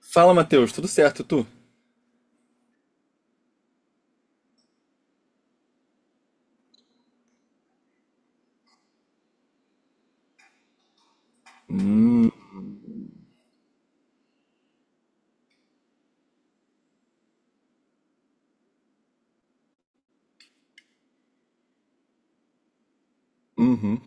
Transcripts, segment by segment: Fala, Matheus, tudo certo, tu? Uhum.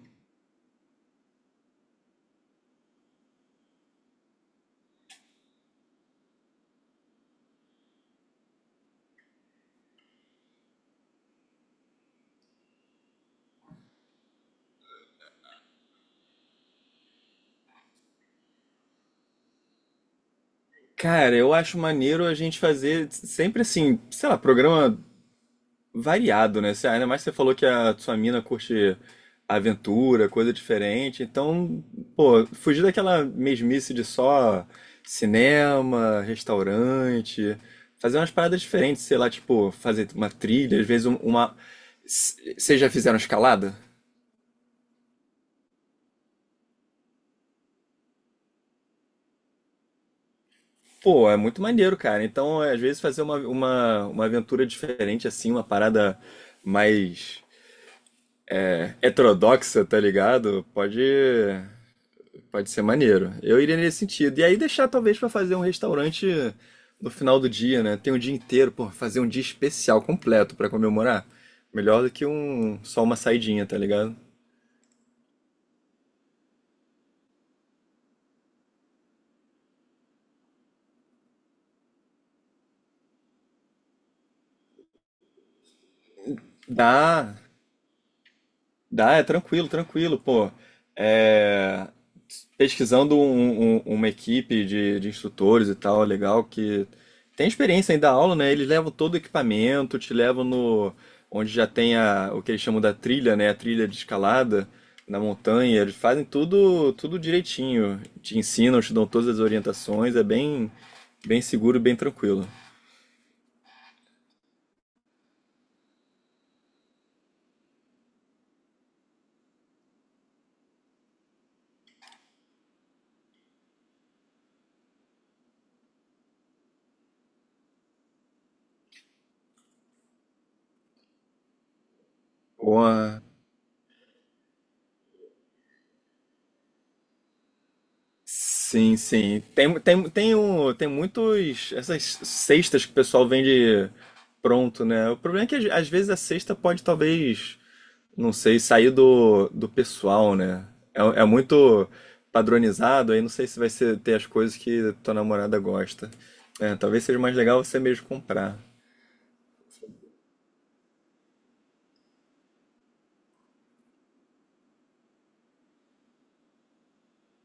Cara, eu acho maneiro a gente fazer sempre assim, sei lá, programa variado, né? Você- Ainda mais você falou que a sua mina curte aventura, coisa diferente. Então, pô, fugir daquela mesmice de só cinema, restaurante, fazer umas paradas diferentes, sei lá, tipo, fazer uma trilha, às vezes um- uma. C- Vocês já fizeram escalada? Pô, é muito maneiro, cara. Então, é, às vezes, fazer uma, uma aventura diferente, assim, uma parada mais heterodoxa, tá ligado? Pode ser maneiro. Eu iria nesse sentido. E aí deixar, talvez, pra fazer um restaurante no final do dia, né? Tem um dia inteiro, pô, fazer um dia especial completo pra comemorar. Melhor do que um, só uma saidinha, tá ligado? Dá, é tranquilo, pô. É, pesquisando um- um- uma equipe de instrutores e tal, legal, que tem experiência em dar aula, né? Eles levam todo o equipamento, te levam no, onde já tem a, o que eles chamam da trilha, né? A trilha de escalada na montanha. Eles fazem tudo, tudo direitinho. Te ensinam, te dão todas as orientações. É bem, bem seguro, bem tranquilo. Bom, sim, sim. Tem, tem, tem, um, tem muitos. Essas cestas que o pessoal vende pronto, né? O problema é que às vezes a cesta pode talvez, não sei, sair do, do pessoal, né? É, é muito padronizado, aí não sei se vai ser, ter as coisas que tua namorada gosta. É, talvez seja mais legal você mesmo comprar.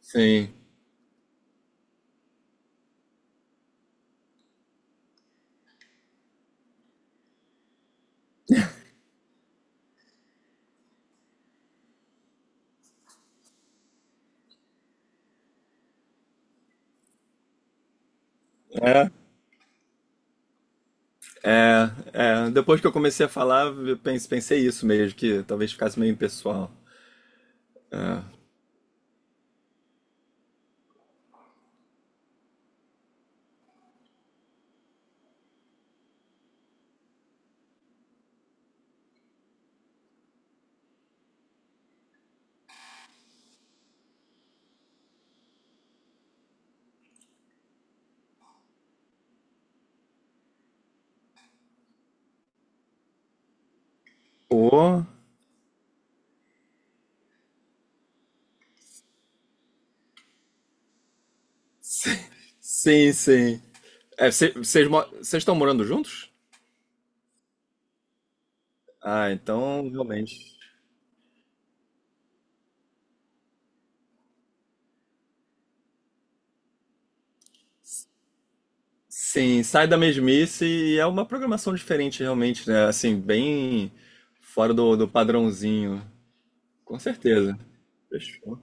Sim. É, é, é. Depois que eu comecei a falar, eu pense- pensei isso mesmo, que talvez ficasse meio impessoal. Pô. Sim, sim. É, cê- vocês mo- vocês estão morando juntos? Ah, então realmente. Sim, sai da mesmice e é uma programação diferente, realmente, né? Assim, bem fora do, do padrãozinho. Com certeza. Fechou.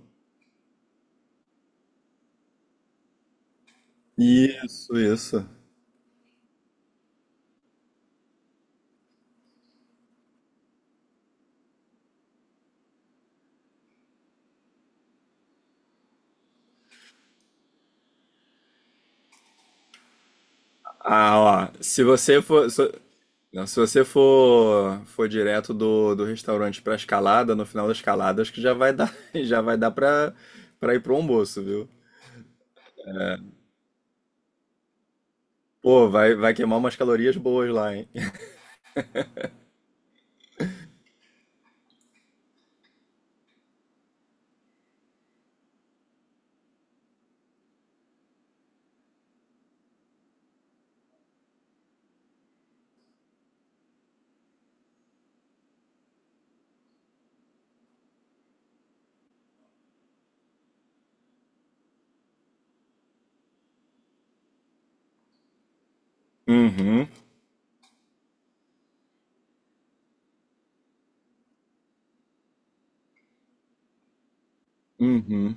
Isso, isso. Ah, ó. Se você for. Se, não, se você for, for direto do, do restaurante pra escalada, no final da escalada, acho que já vai dar, já vai dar pra, pra ir pro almoço, viu? Pô, vai, vai queimar umas calorias boas lá, hein? Uhum, uhum.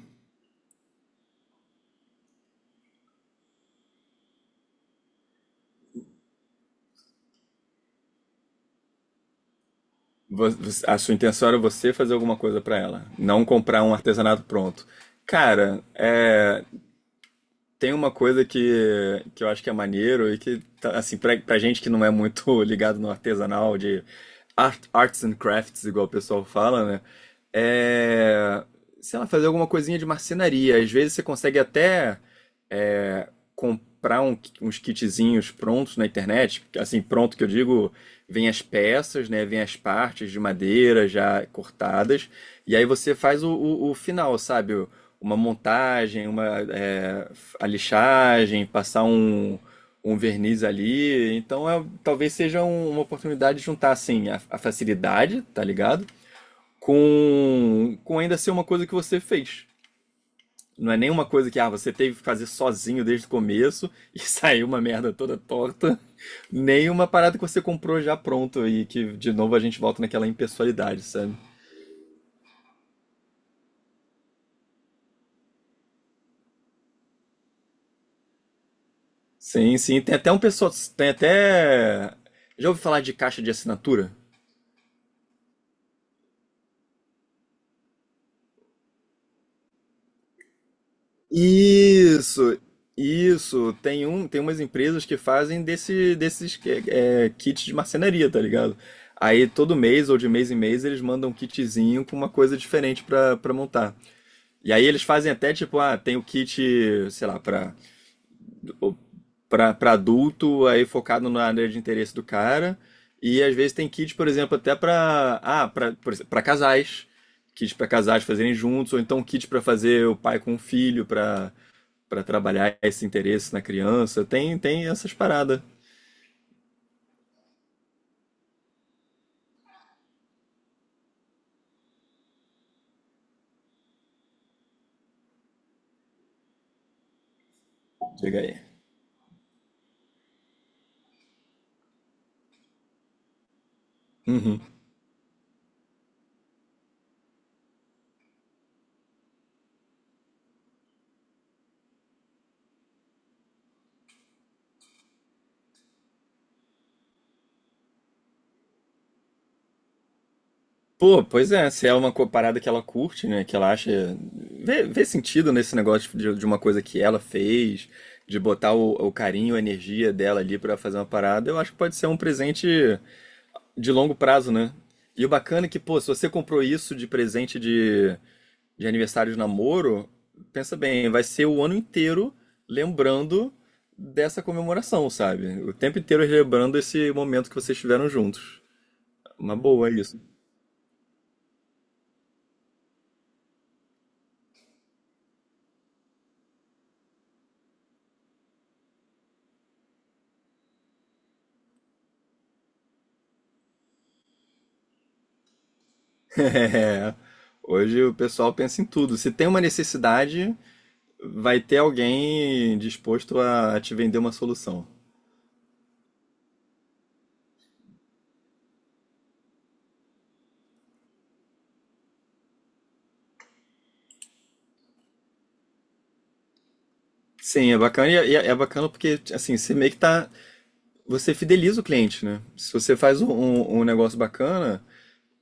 Vo- você- A sua intenção era você fazer alguma coisa pra ela, não comprar um artesanato pronto. Cara, é, tem uma coisa que eu acho que é maneiro e que, tá, assim, pra, pra gente que não é muito ligado no artesanal de art- arts and crafts, igual o pessoal fala, né? É, sei lá, fazer alguma coisinha de marcenaria. Às vezes você consegue até é, comprar um- uns kitzinhos prontos na internet, assim, pronto que eu digo, vem as peças, né? Vem as partes de madeira já cortadas, e aí você faz o final, sabe? Uma montagem, uma é, a lixagem, passar um, um verniz ali. Então é, talvez seja um- uma oportunidade de juntar assim a facilidade, tá ligado? Com ainda ser uma coisa que você fez. Não é nenhuma coisa que ah, você teve que fazer sozinho desde o começo e saiu uma merda toda torta. Nem uma parada que você comprou já pronto e que de novo a gente volta naquela impessoalidade, sabe? Sim, sim. Tem até um pessoal. Tem até. Já ouvi falar de caixa de assinatura? Isso, isso. Tem um, tem umas empresas que fazem desse, desses é, é, kits de marcenaria, tá ligado? Aí todo mês ou de mês em mês eles mandam um kitzinho com uma coisa diferente pra, pra montar. E aí eles fazem até tipo, ah, tem o kit, sei lá, pra para adulto, aí focado na área de interesse do cara. E às vezes tem kit por exemplo, até para ah, para casais. Kit para casais fazerem juntos, ou então kit para fazer o pai com o filho, para trabalhar esse interesse na criança. Tem, tem essas paradas. Chega aí. Uhum. Pô, pois é, se é uma co- parada que ela curte, né? Que ela acha. Vê, vê sentido nesse negócio de uma coisa que ela fez, de botar o carinho, a energia dela ali pra fazer uma parada, eu acho que pode ser um presente de longo prazo, né? E o bacana é que, pô, se você comprou isso de presente de aniversário de namoro, pensa bem, vai ser o ano inteiro lembrando dessa comemoração, sabe? O tempo inteiro lembrando esse momento que vocês tiveram juntos. Uma boa isso. É. Hoje o pessoal pensa em tudo. Se tem uma necessidade, vai ter alguém disposto a te vender uma solução. Sim, é bacana e é, é bacana porque assim, você meio que tá. Você fideliza o cliente, né? Se você faz um, um- um negócio bacana,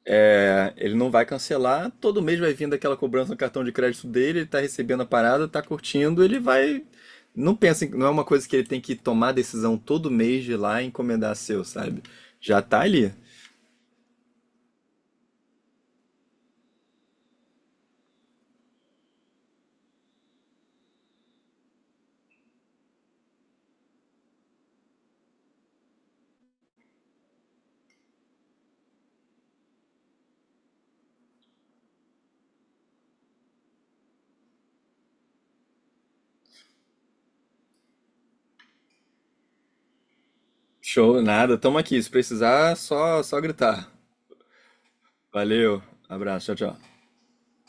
é, ele não vai cancelar, todo mês vai vindo aquela cobrança no cartão de crédito dele, ele tá recebendo a parada, tá curtindo, ele vai. Não pensa, em- não é uma coisa que ele tem que tomar decisão todo mês de ir lá e encomendar seu, sabe? Já tá ali. Show, nada, tamo aqui. Se precisar, só, só gritar. Valeu, abraço, tchau, tchau.